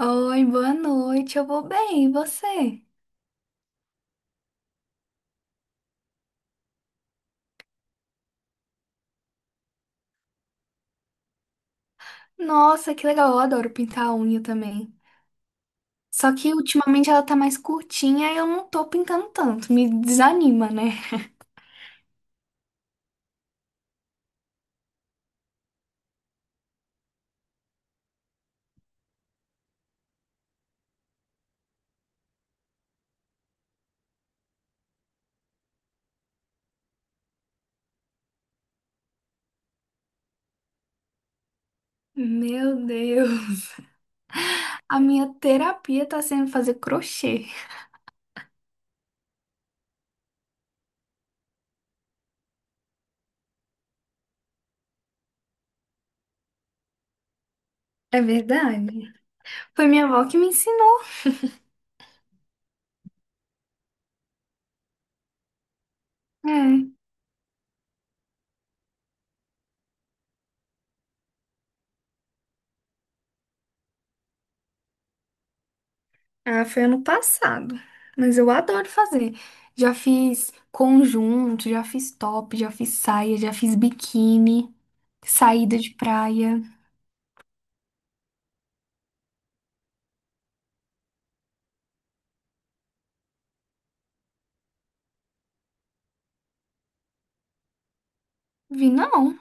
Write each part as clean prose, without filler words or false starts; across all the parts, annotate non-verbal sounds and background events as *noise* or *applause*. Oi, boa noite. Eu vou bem, e você? Nossa, que legal. Eu adoro pintar a unha também. Só que ultimamente ela tá mais curtinha e eu não tô pintando tanto. Me desanima, né? Meu Deus. A minha terapia tá sendo fazer crochê. É verdade. Foi minha avó que me ensinou. É. Ah, foi ano passado. Mas eu adoro fazer. Já fiz conjunto, já fiz top, já fiz saia, já fiz biquíni, saída de praia. Vi não.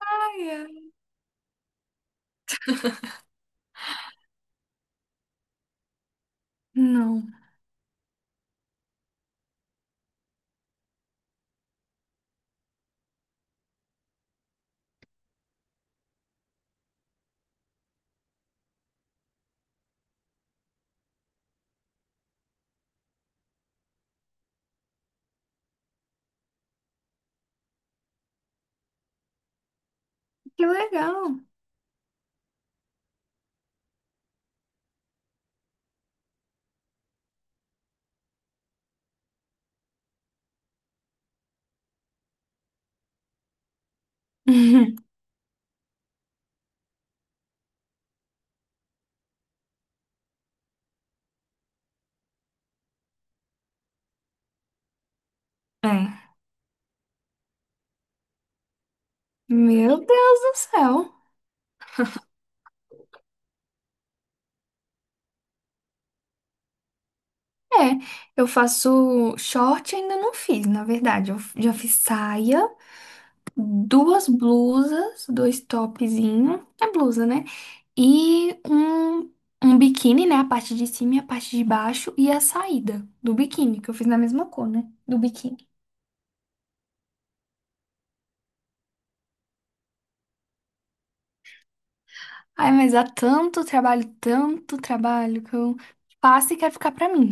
Ai, ai. Não. Que legal. *laughs* É. Meu Deus do céu. É, eu faço short, ainda não fiz, na verdade. Eu já fiz saia, duas blusas, dois topzinho, é blusa, né? E um biquíni, né? A parte de cima e a parte de baixo, e a saída do biquíni, que eu fiz na mesma cor, né? Do biquíni. Ai, mas há tanto trabalho que eu faço e quero ficar pra mim.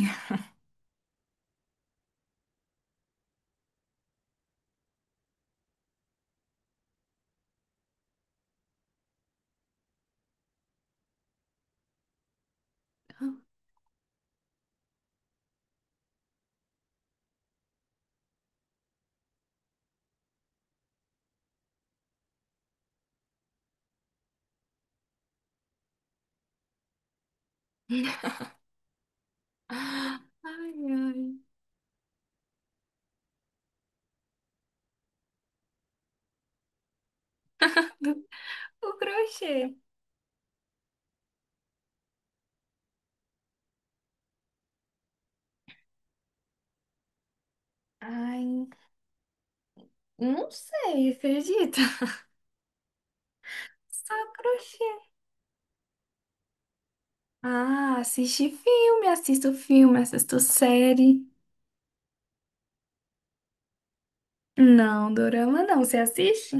Ai, ai. O crochê. Ai, não sei, acredita? *laughs* Só crochê. Ah, assiste filme, assisto série. Não, dorama não. Você assiste?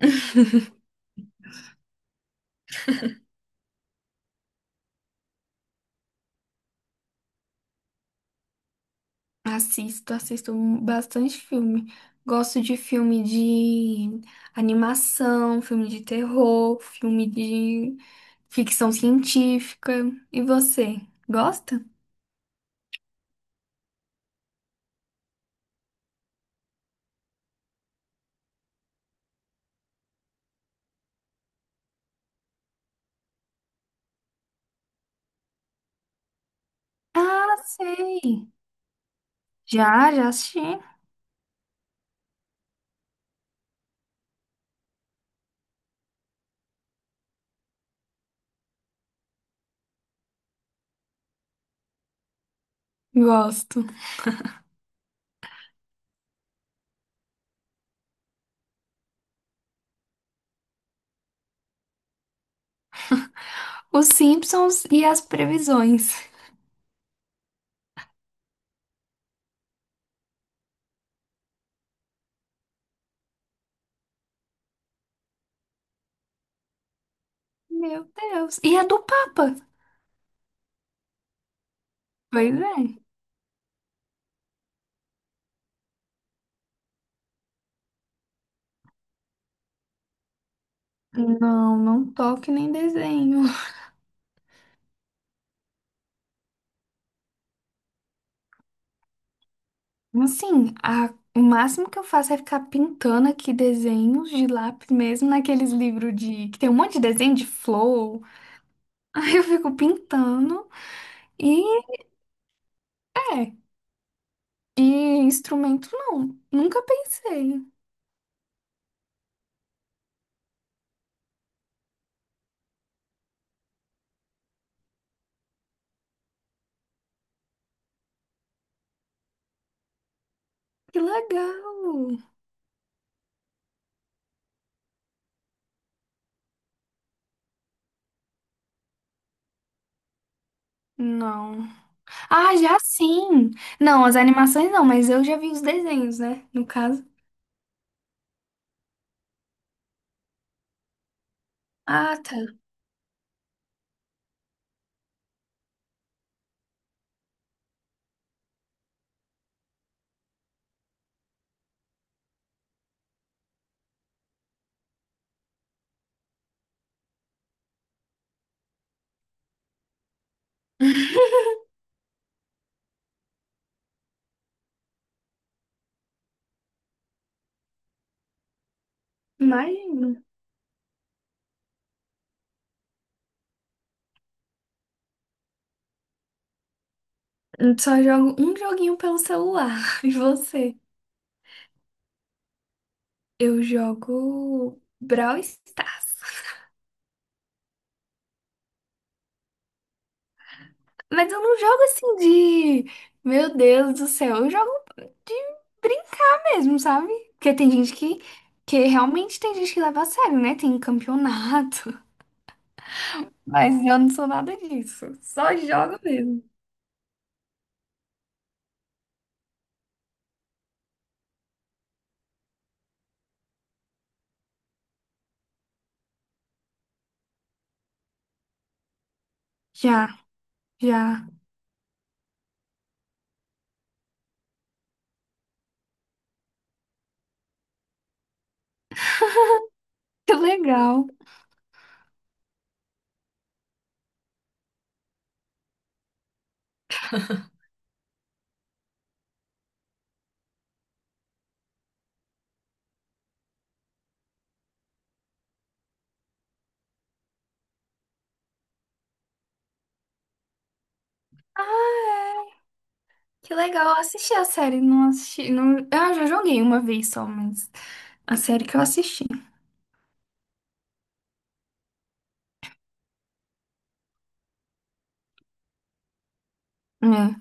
*laughs* Assisto, assisto bastante filme. Gosto de filme de animação, filme de terror, filme de ficção científica. E você, gosta? Ah, sei. Já, já assisti. Gosto. Os Simpsons e as previsões. Meu Deus. E a do Papa. Pois é. Não, não toque nem desenho. Assim, a- o máximo que eu faço é ficar pintando aqui desenhos de lápis mesmo, naqueles livros de que tem um monte de desenho de flor. *laughs* Aí eu fico pintando e é. E instrumento, não. Nunca pensei. Que legal. Não. Ah, já sim! Não, as animações não, mas eu já vi os desenhos, né? No caso. Ah, tá. *laughs* Imagina. Só jogo um joguinho pelo celular. *laughs* E você? Eu jogo Brawl Stars. *laughs* Mas eu não jogo assim de. Meu Deus do céu. Eu jogo de brincar mesmo, sabe? Porque tem gente que. Que realmente tem gente que leva a sério, né? Tem campeonato. *laughs* Mas eu não sou nada disso. Só jogo mesmo. Já, já. Que legal. Ah, é. Que legal. Eu assisti a série, não assisti. Não. Ah, já joguei uma vez só, mas a série que eu assisti. É.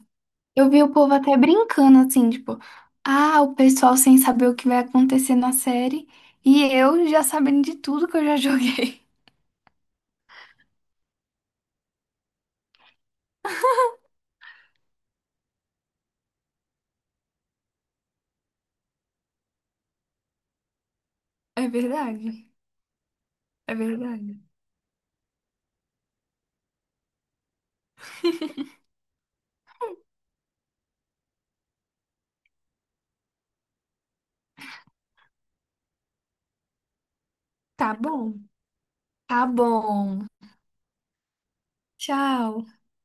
Eu vi o povo até brincando, assim, tipo, ah, o pessoal sem saber o que vai acontecer na série e eu já sabendo de tudo que eu já joguei. *laughs* É verdade. É verdade. *laughs* Tá bom. Tá bom. Tchau.